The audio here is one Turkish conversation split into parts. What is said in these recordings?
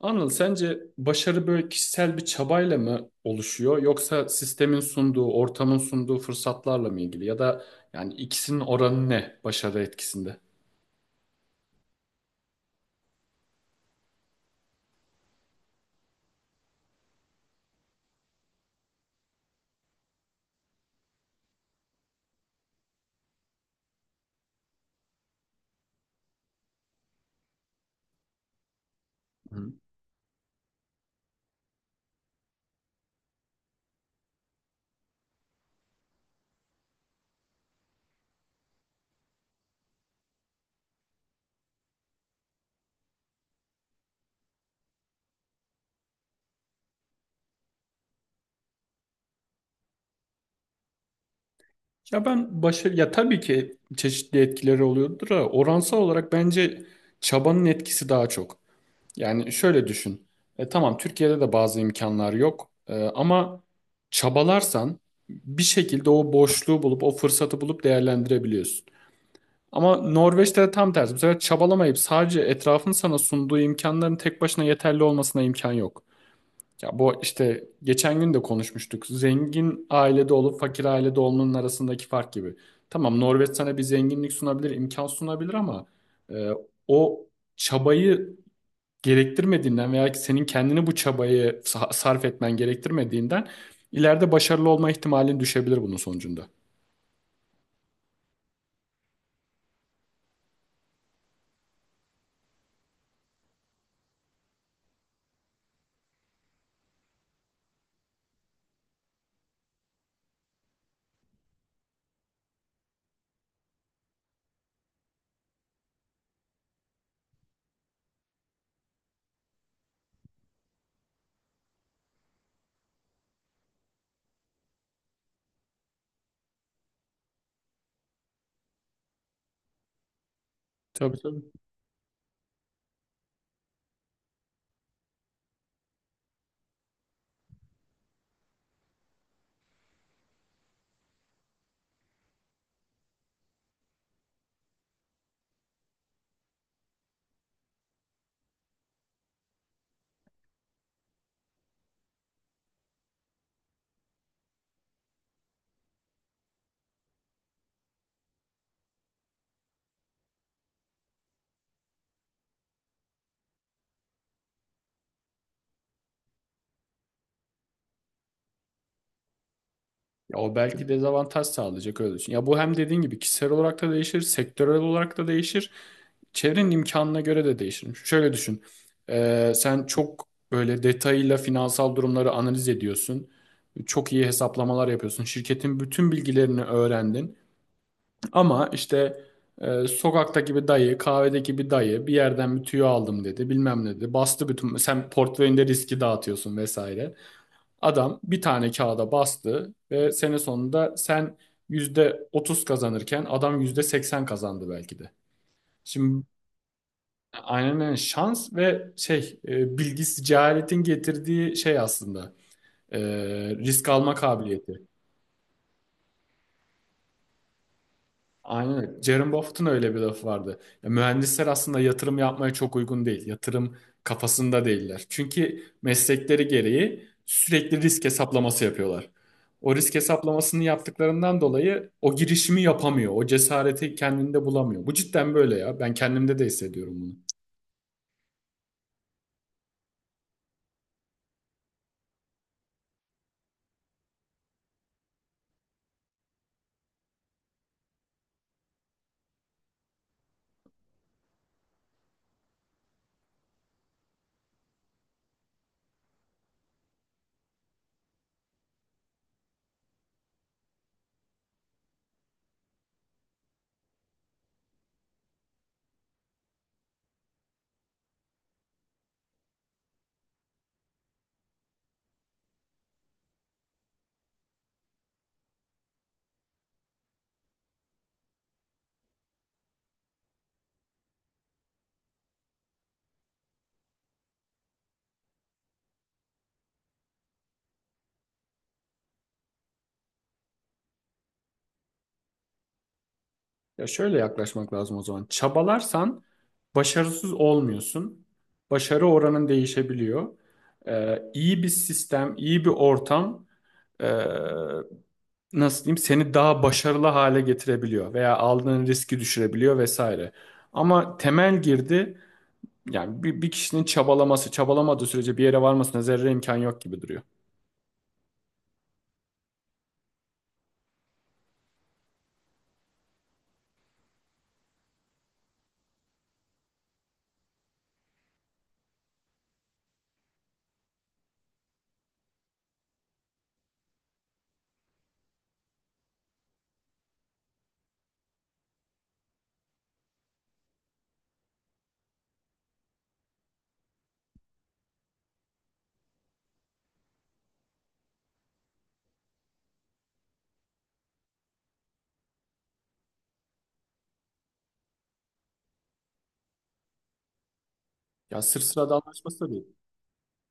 Anıl, sence başarı böyle kişisel bir çabayla mı oluşuyor yoksa sistemin sunduğu, ortamın sunduğu fırsatlarla mı ilgili ya da yani ikisinin oranı ne başarı etkisinde? Hı. Ya ben başarı ya tabii ki çeşitli etkileri oluyordur ama oransal olarak bence çabanın etkisi daha çok. Yani şöyle düşün. Tamam Türkiye'de de bazı imkanlar yok, ama çabalarsan bir şekilde o boşluğu bulup o fırsatı bulup değerlendirebiliyorsun. Ama Norveç'te de tam tersi. Bu sefer çabalamayıp sadece etrafın sana sunduğu imkanların tek başına yeterli olmasına imkan yok. Ya bu işte geçen gün de konuşmuştuk. Zengin ailede olup fakir ailede olmanın arasındaki fark gibi. Tamam, Norveç sana bir zenginlik sunabilir, imkan sunabilir ama e, o çabayı gerektirmediğinden veya ki senin kendini bu çabayı sarf etmen gerektirmediğinden ileride başarılı olma ihtimalin düşebilir bunun sonucunda. Tabii, tabii. Ya o belki dezavantaj sağlayacak, öyle düşün. Ya bu hem dediğin gibi kişisel olarak da değişir, sektörel olarak da değişir. Çevrenin imkanına göre de değişir. Şöyle düşün. Sen çok böyle detayıyla finansal durumları analiz ediyorsun. Çok iyi hesaplamalar yapıyorsun. Şirketin bütün bilgilerini öğrendin. Ama işte sokaktaki bir dayı, kahvedeki bir dayı bir yerden bir tüyo aldım dedi. Bilmem ne dedi. Bastı bütün. Sen portföyünde riski dağıtıyorsun vesaire. Adam bir tane kağıda bastı ve sene sonunda sen %30 kazanırken adam %80 kazandı belki de. Şimdi aynen öyle. Şans ve şey bilgisiz cehaletin getirdiği şey aslında e, risk alma kabiliyeti. Aynen öyle. Jerome Buffett'ın öyle bir lafı vardı. Ya, mühendisler aslında yatırım yapmaya çok uygun değil. Yatırım kafasında değiller. Çünkü meslekleri gereği sürekli risk hesaplaması yapıyorlar. O risk hesaplamasını yaptıklarından dolayı o girişimi yapamıyor. O cesareti kendinde bulamıyor. Bu cidden böyle ya. Ben kendimde de hissediyorum bunu. Ya şöyle yaklaşmak lazım o zaman. Çabalarsan başarısız olmuyorsun. Başarı oranın değişebiliyor. İyi bir sistem, iyi bir ortam nasıl diyeyim seni daha başarılı hale getirebiliyor veya aldığın riski düşürebiliyor vesaire. Ama temel girdi yani bir, bir kişinin çabalaması, çabalamadığı sürece bir yere varmasına zerre imkan yok gibi duruyor. Ya sırf sıradanlaşması da değil.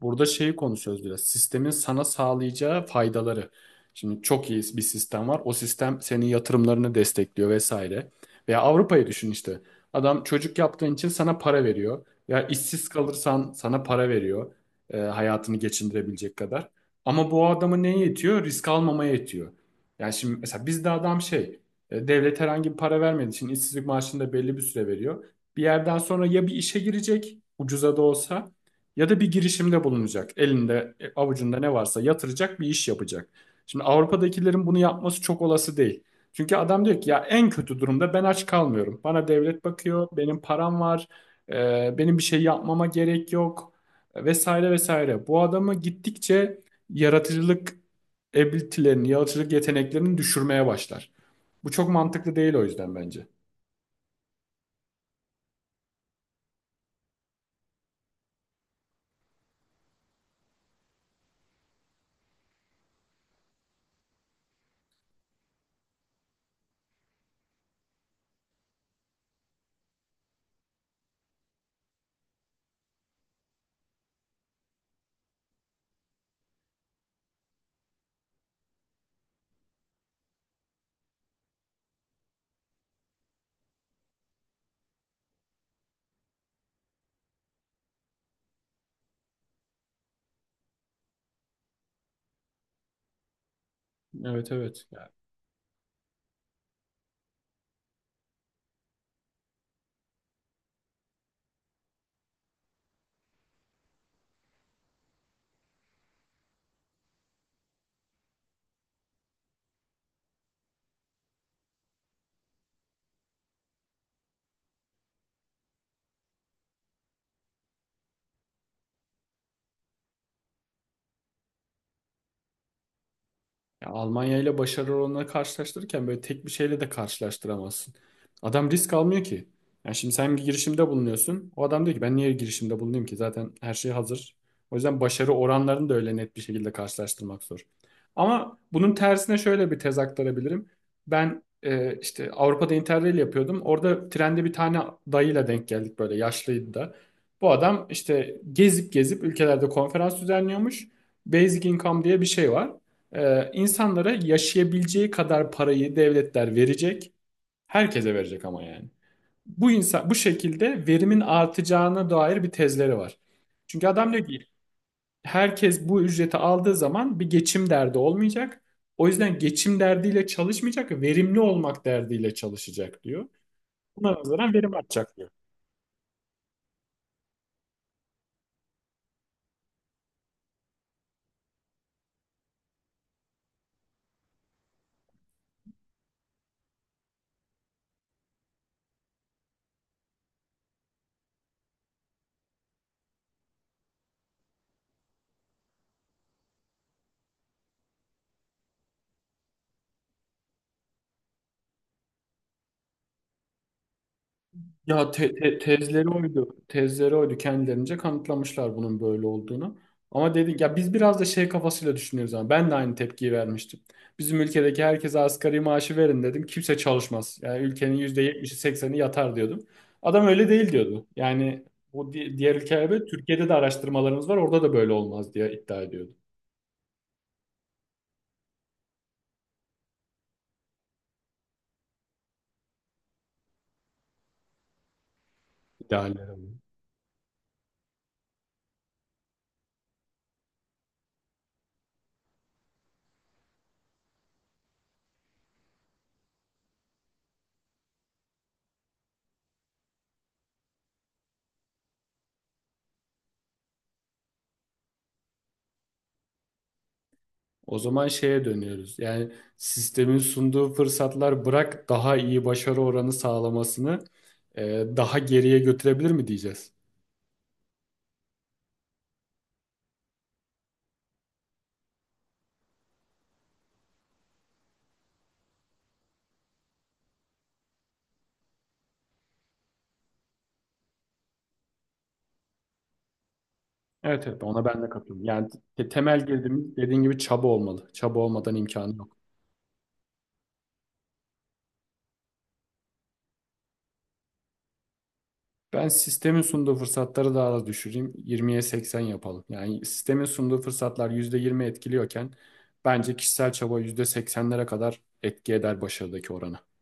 Burada şeyi konuşuyoruz biraz. Sistemin sana sağlayacağı faydaları. Şimdi çok iyi bir sistem var. O sistem senin yatırımlarını destekliyor vesaire. Veya Avrupa'yı düşün işte. Adam çocuk yaptığın için sana para veriyor. Ya işsiz kalırsan sana para veriyor. Hayatını geçindirebilecek kadar. Ama bu adama neye yetiyor? Risk almamaya yetiyor. Yani şimdi mesela bizde adam şey, devlet herhangi bir para vermediği için işsizlik maaşını da belli bir süre veriyor. Bir yerden sonra ya bir işe girecek, ucuza da olsa ya da bir girişimde bulunacak. Elinde, avucunda ne varsa yatıracak bir iş yapacak. Şimdi Avrupa'dakilerin bunu yapması çok olası değil. Çünkü adam diyor ki ya en kötü durumda ben aç kalmıyorum. Bana devlet bakıyor, benim param var, benim bir şey yapmama gerek yok, vesaire vesaire. Bu adamı gittikçe yaratıcılık ability'lerini, yaratıcılık yeteneklerini düşürmeye başlar. Bu çok mantıklı değil o yüzden bence. Evet, evet. Ya Almanya ile başarı oranını karşılaştırırken böyle tek bir şeyle de karşılaştıramazsın. Adam risk almıyor ki. Yani şimdi sen bir girişimde bulunuyorsun. O adam diyor ki ben niye girişimde bulunayım ki? Zaten her şey hazır. O yüzden başarı oranlarını da öyle net bir şekilde karşılaştırmak zor. Ama bunun tersine şöyle bir tez aktarabilirim. Ben işte Avrupa'da Interrail yapıyordum. Orada trende bir tane dayıyla denk geldik, böyle yaşlıydı da. Bu adam işte gezip gezip ülkelerde konferans düzenliyormuş. Basic income diye bir şey var. İnsanlara yaşayabileceği kadar parayı devletler verecek. Herkese verecek ama yani. Bu insan bu şekilde verimin artacağına dair bir tezleri var. Çünkü adam diyor ki herkes bu ücreti aldığı zaman bir geçim derdi olmayacak. O yüzden geçim derdiyle çalışmayacak, verimli olmak derdiyle çalışacak diyor. Buna nazaran verim artacak diyor. Ya tezleri oydu. Tezleri oydu. Kendilerince kanıtlamışlar bunun böyle olduğunu. Ama dedik ya biz biraz da şey kafasıyla düşünüyoruz ama ben de aynı tepkiyi vermiştim. Bizim ülkedeki herkese asgari maaşı verin dedim. Kimse çalışmaz. Yani ülkenin %70'i 80'i yatar diyordum. Adam öyle değil diyordu. Yani bu diğer ülkelerde Türkiye'de de araştırmalarımız var. Orada da böyle olmaz diye iddia ediyordu. İdealleri. O zaman şeye dönüyoruz. Yani sistemin sunduğu fırsatlar bırak daha iyi başarı oranı sağlamasını daha geriye götürebilir mi diyeceğiz? Evet, evet, ona ben de katılıyorum. Yani temel girdim dediğin gibi çaba olmalı. Çaba olmadan imkanı yok. Ben sistemin sunduğu fırsatları daha da düşüreyim. 20'ye 80 yapalım. Yani sistemin sunduğu fırsatlar %20 etkiliyorken bence kişisel çaba %80'lere kadar etki eder başarıdaki oranı.